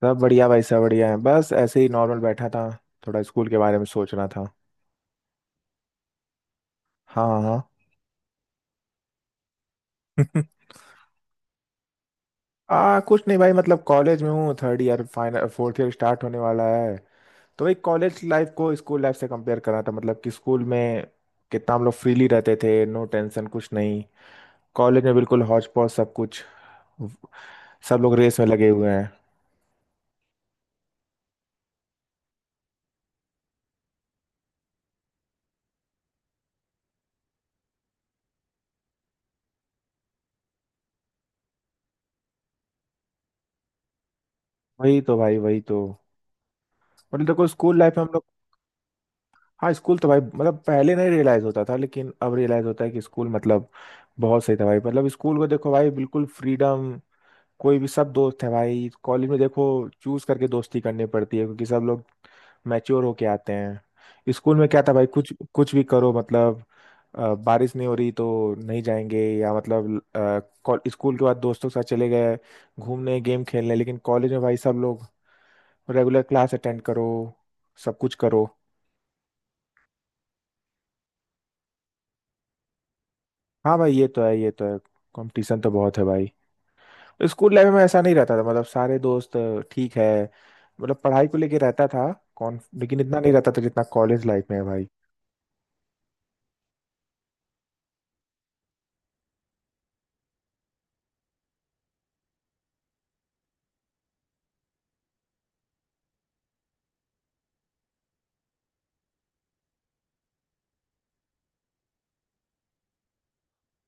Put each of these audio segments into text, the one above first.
सब बढ़िया भाई, सब बढ़िया है। बस ऐसे ही नॉर्मल बैठा था। थोड़ा स्कूल के बारे में सोच रहा था। हाँ हाँ। आ कुछ नहीं भाई, मतलब कॉलेज में हूँ, third year final, fourth year start होने वाला है। तो भाई कॉलेज लाइफ को स्कूल लाइफ से कंपेयर कर रहा था, मतलब कि स्कूल में कितना हम लोग फ्रीली रहते थे। नो टेंशन, कुछ नहीं। कॉलेज में बिल्कुल हौच पौच सब कुछ। सब लोग रेस में लगे हुए हैं। वही तो भाई, वही तो। मतलब देखो, स्कूल लाइफ में हम लोग, हाँ स्कूल तो भाई, मतलब पहले नहीं रियलाइज होता था, लेकिन अब रियलाइज होता है कि स्कूल मतलब बहुत सही था भाई। मतलब स्कूल को देखो भाई, बिल्कुल फ्रीडम। कोई भी, सब दोस्त है भाई। कॉलेज में देखो, चूज करके दोस्ती करनी पड़ती है क्योंकि सब लोग मैच्योर होके आते हैं। स्कूल में क्या था भाई, कुछ कुछ भी करो मतलब। बारिश नहीं हो रही तो नहीं जाएंगे, या मतलब स्कूल के बाद दोस्तों के साथ चले गए घूमने, गेम खेलने। लेकिन कॉलेज में भाई सब लोग रेगुलर क्लास अटेंड करो, सब कुछ करो। हाँ भाई ये तो है, ये तो है। कंपटीशन तो बहुत है भाई। स्कूल लाइफ में ऐसा नहीं रहता था, मतलब सारे दोस्त ठीक है, मतलब पढ़ाई को लेके रहता था कौन, लेकिन इतना नहीं रहता था जितना कॉलेज लाइफ में है भाई।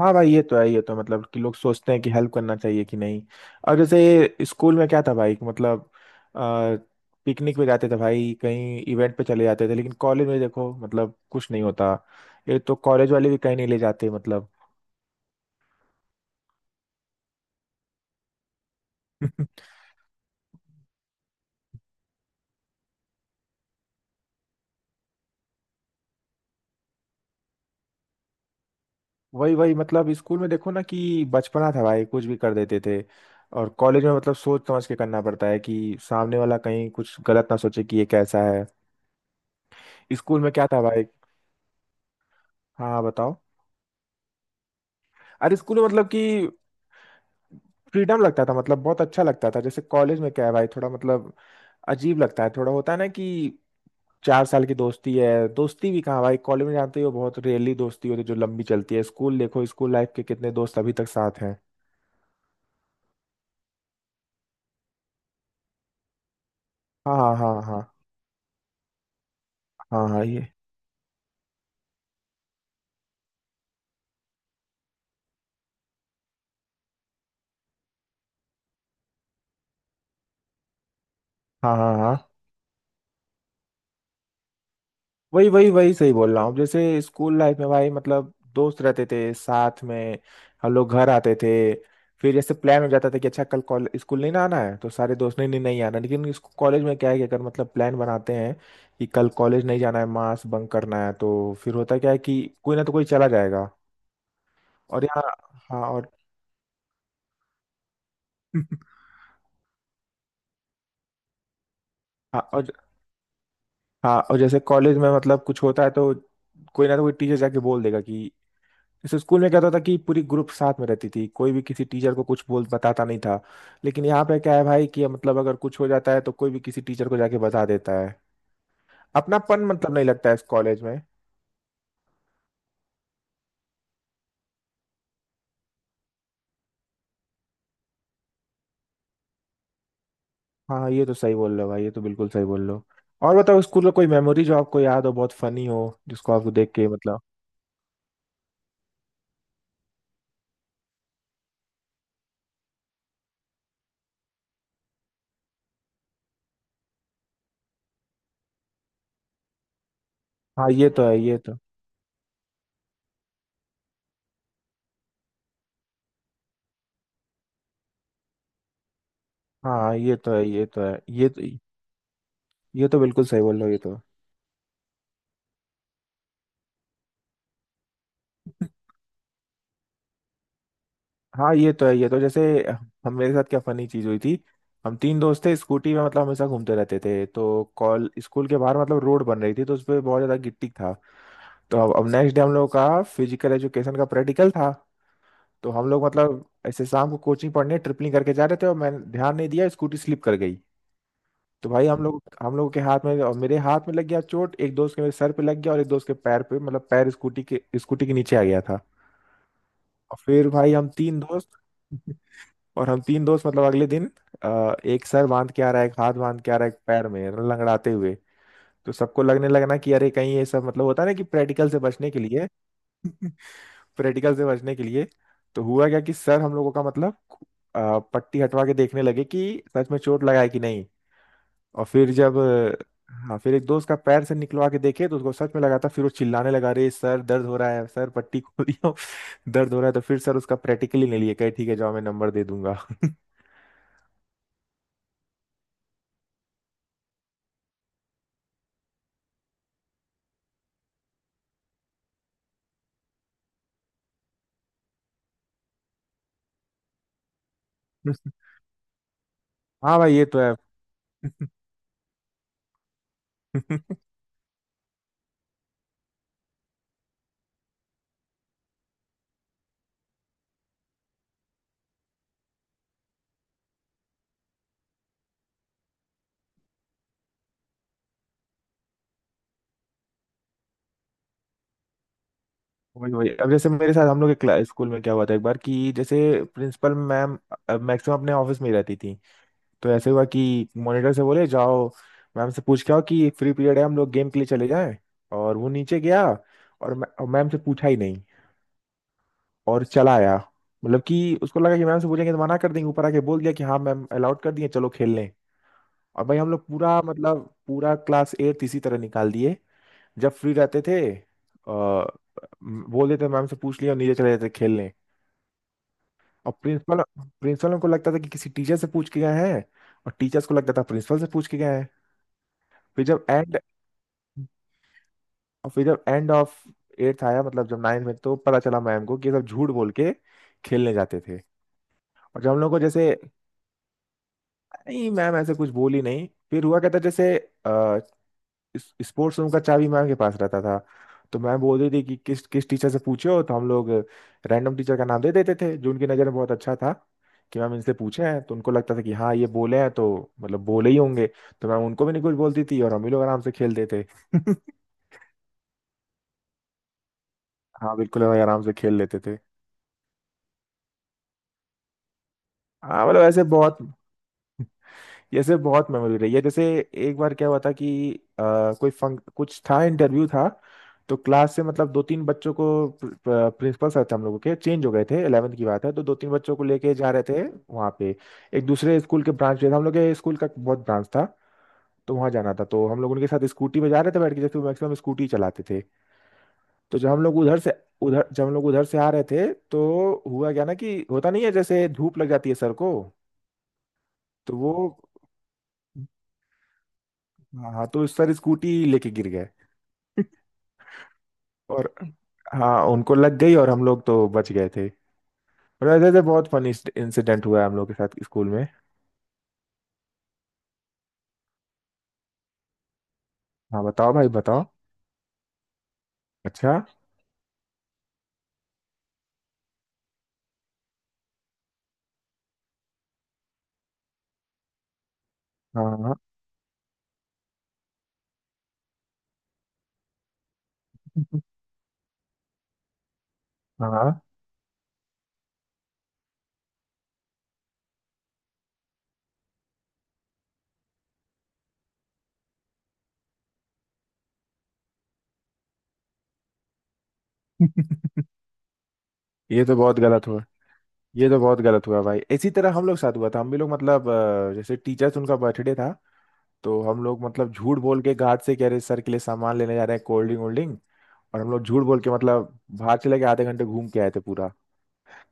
हाँ भाई ये तो है, ये तो है, मतलब कि लोग सोचते हैं कि हेल्प करना चाहिए कि नहीं। और जैसे स्कूल में क्या था भाई कि मतलब पिकनिक पे जाते थे भाई, कहीं इवेंट पे चले जाते थे। लेकिन कॉलेज में देखो, मतलब कुछ नहीं होता। ये तो कॉलेज वाले भी कहीं नहीं ले जाते मतलब। वही वही, मतलब स्कूल में देखो ना कि बचपना था भाई, कुछ भी कर देते थे। और कॉलेज में मतलब सोच समझ के करना पड़ता है कि सामने वाला कहीं कुछ गलत ना सोचे कि ये कैसा है। स्कूल में क्या था भाई। हाँ हाँ, बताओ। अरे स्कूल में मतलब कि फ्रीडम लगता था, मतलब बहुत अच्छा लगता था। जैसे कॉलेज में क्या है भाई, थोड़ा मतलब अजीब लगता है। थोड़ा होता है ना कि 4 साल की दोस्ती है। दोस्ती भी कहाँ भाई, कॉलेज में जानते हो बहुत रेयरली दोस्ती होती है जो लंबी चलती है। स्कूल देखो, स्कूल लाइफ के कितने दोस्त अभी तक साथ हैं। हाँ हाँ हाँ। हाँ हाँ हाँ ये हाँ हाँ हाँ। वही वही वही सही बोल रहा हूँ। जैसे स्कूल लाइफ में भाई, मतलब दोस्त रहते थे साथ में। हम लोग घर आते थे, फिर जैसे प्लान हो जाता था कि अच्छा कल कॉलेज स्कूल नहीं ना आना है, तो सारे दोस्त ने नहीं, नहीं आना। लेकिन कॉलेज में क्या है कि अगर मतलब प्लान बनाते हैं कि कल कॉलेज नहीं जाना है, मास बंक करना है, तो फिर होता क्या है कि कोई ना तो कोई चला जाएगा। और यहाँ, हाँ और। हाँ और। हाँ और जैसे कॉलेज में मतलब कुछ होता है तो कोई ना तो कोई टीचर जाके बोल देगा कि, जैसे स्कूल में क्या होता था कि पूरी ग्रुप साथ में रहती थी, कोई भी किसी टीचर को कुछ बोल बताता नहीं था। लेकिन यहाँ पे क्या है भाई, कि मतलब अगर कुछ हो जाता है तो कोई भी किसी टीचर को जाके बता देता है। अपनापन मतलब नहीं लगता है इस कॉलेज में। हाँ ये तो सही बोल रहे हो भाई, ये तो बिल्कुल सही बोल रहे हो। और बताओ, स्कूल का कोई मेमोरी जो आपको याद हो, बहुत फनी हो, जिसको आपको देख के मतलब। हाँ ये तो है, ये तो। हाँ ये तो है, ये तो है, ये तो। ये तो बिल्कुल सही बोल रहे हो, ये तो। हाँ ये तो है, ये तो। जैसे, हम मेरे साथ क्या फनी चीज हुई थी। हम तीन दोस्त थे, स्कूटी में मतलब हमेशा घूमते रहते थे। तो कॉल स्कूल के बाहर मतलब रोड बन रही थी, तो उस पर बहुत ज्यादा गिट्टी था। तो अब नेक्स्ट डे हम लोगों का फिजिकल एजुकेशन का प्रैक्टिकल था। तो हम लोग मतलब ऐसे शाम को कोचिंग पढ़ने ट्रिपलिंग करके जा रहे थे, और मैंने ध्यान नहीं दिया, स्कूटी स्लिप कर गई। तो भाई हम लोगों के हाथ में और मेरे हाथ में लग गया चोट। एक दोस्त के मेरे सर पे लग गया और एक दोस्त के पैर पे, मतलब पैर स्कूटी के नीचे आ गया था। और फिर भाई हम तीन दोस्त, और हम तीन दोस्त मतलब अगले दिन एक सर बांध के आ रहा है, एक हाथ बांध के आ रहा है, एक पैर में मतलब लंगड़ाते हुए। तो सबको लगने लगना कि अरे कहीं ये सब मतलब होता है ना कि प्रैक्टिकल से बचने के लिए। प्रैक्टिकल से बचने के लिए। तो हुआ क्या कि सर हम लोगों का मतलब पट्टी हटवा के देखने लगे कि सच में चोट लगा है कि नहीं। और फिर जब हाँ, फिर एक दोस्त का पैर से निकलवा के देखे तो उसको सच में लगा था। फिर वो चिल्लाने लगा, रे सर दर्द हो रहा है, सर पट्टी खोलियो। दर्द हो रहा है, तो फिर सर उसका प्रैक्टिकली नहीं लिए, कहे ठीक है जाओ, मैं नंबर दे दूंगा। हाँ भाई ये तो है। वही वही। अब जैसे मेरे साथ हम लोग के स्कूल में क्या हुआ था एक बार कि, जैसे प्रिंसिपल मैम मैक्सिमम अपने ऑफिस में ही रहती थी। तो ऐसे हुआ कि मॉनिटर से बोले जाओ मैम से पूछ के आओ कि फ्री पीरियड है, हम लोग गेम के लिए चले जाएं। और वो नीचे गया, और और मैम से पूछा ही नहीं और चला आया। मतलब कि उसको लगा कि मैम से पूछेंगे तो मना कर देंगे। ऊपर आके बोल दिया कि हाँ मैम अलाउड कर दिए, चलो खेल लें। और भाई हम लोग पूरा मतलब पूरा क्लास एट इसी तरह निकाल दिए, जब फ्री रहते थे। आ, बोल देते मैम से पूछ लिया, और नीचे चले जाते खेलने। और प्रिंसिपल प्रिंसिपल को लगता था कि किसी टीचर से पूछ के गए हैं, और टीचर्स को लगता था प्रिंसिपल से पूछ के गए हैं। फिर जब एंड और फिर जब एंड ऑफ एट्थ आया, मतलब जब नाइन्थ में, तो पता चला मैम को कि ये सब झूठ बोल के खेलने जाते थे। और जब हम लोग को जैसे, नहीं मैम ऐसे कुछ बोली नहीं। फिर हुआ क्या था, जैसे अ, स्पोर्ट्स रूम का चाबी मैम के पास रहता था। तो मैम बोल रही थी कि किस किस टीचर से पूछो, तो हम लोग रैंडम टीचर का नाम दे देते थे जो उनकी नज़र में बहुत अच्छा था कि मैम इनसे पूछे हैं। तो उनको लगता था कि हाँ ये बोले हैं तो मतलब बोले ही होंगे। तो मैम उनको भी नहीं कुछ बोलती थी, और हम ही लोग आराम से खेलते थे। हाँ बिल्कुल, हम आराम से खेल लेते थे। हाँ मतलब ऐसे बहुत, जैसे बहुत मेमोरी रही है। जैसे एक बार क्या हुआ था कि अ, कोई फंक कुछ था, इंटरव्यू था। तो क्लास से मतलब दो तीन बच्चों को, प्रिंसिपल सर थे हम लोगों के, चेंज हो गए थे, 11th की बात है, तो दो तीन बच्चों को लेके जा रहे थे वहाँ पे। एक दूसरे स्कूल के ब्रांच पे था, हम लोग के स्कूल का बहुत ब्रांच था। तो वहाँ जाना था, तो हम लोग उनके साथ स्कूटी पे जा रहे थे बैठ के, जैसे मैक्सिमम स्कूटी चलाते थे। तो जब हम लोग उधर से उधर जब हम लोग उधर से आ रहे थे, तो हुआ क्या ना कि होता नहीं है, जैसे धूप लग जाती है सर को। तो वो, हाँ हाँ, तो सर स्कूटी लेके गिर गए। और हाँ उनको लग गई, और हम लोग तो बच गए थे। और ऐसे ऐसे बहुत फनी इंसिडेंट हुआ है हम लोग के साथ स्कूल में। हाँ बताओ भाई बताओ। अच्छा। हाँ हाँ। ये तो बहुत गलत हुआ। ये तो बहुत गलत हुआ भाई। इसी तरह हम लोग साथ हुआ था, हम भी लोग मतलब जैसे टीचर्स उनका बर्थडे था, तो हम लोग मतलब झूठ बोल के गार्ड से कह रहे सर के लिए सामान लेने जा रहे हैं, कोल्ड ड्रिंक वोल्ड ड्रिंक, और हम लोग झूठ बोल के मतलब बाहर चले के आधे घंटे घूम के आए थे पूरा,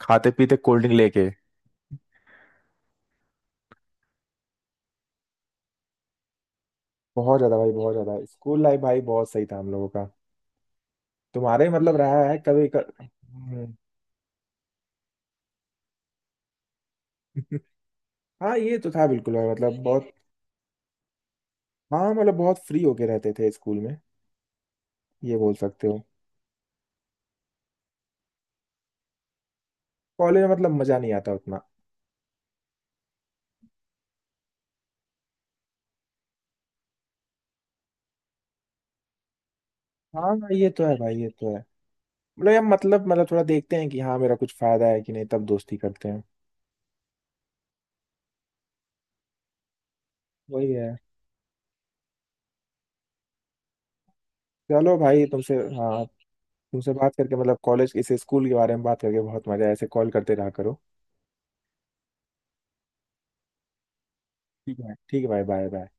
खाते पीते कोल्ड ड्रिंक लेके। बहुत ज्यादा भाई, बहुत ज्यादा स्कूल लाइफ भाई, बहुत सही था हम लोगों का। तुम्हारे मतलब रहा है कभी कर... हम्म। हाँ ये तो था बिल्कुल भाई, मतलब बहुत। हाँ मतलब बहुत फ्री होके रहते थे स्कूल में। ये बोल सकते हो, कॉलेज में मतलब मजा नहीं आता उतना। हाँ हाँ, ये तो है भाई, ये तो है। मतलब यार, मतलब थोड़ा देखते हैं कि हाँ मेरा कुछ फायदा है कि नहीं, तब दोस्ती करते हैं। वही है। चलो भाई, तुमसे हाँ, तुमसे बात करके मतलब कॉलेज इस स्कूल के बारे में बात करके बहुत मजा है, ऐसे कॉल करते रहा करो। ठीक है भाई, बाय बाय।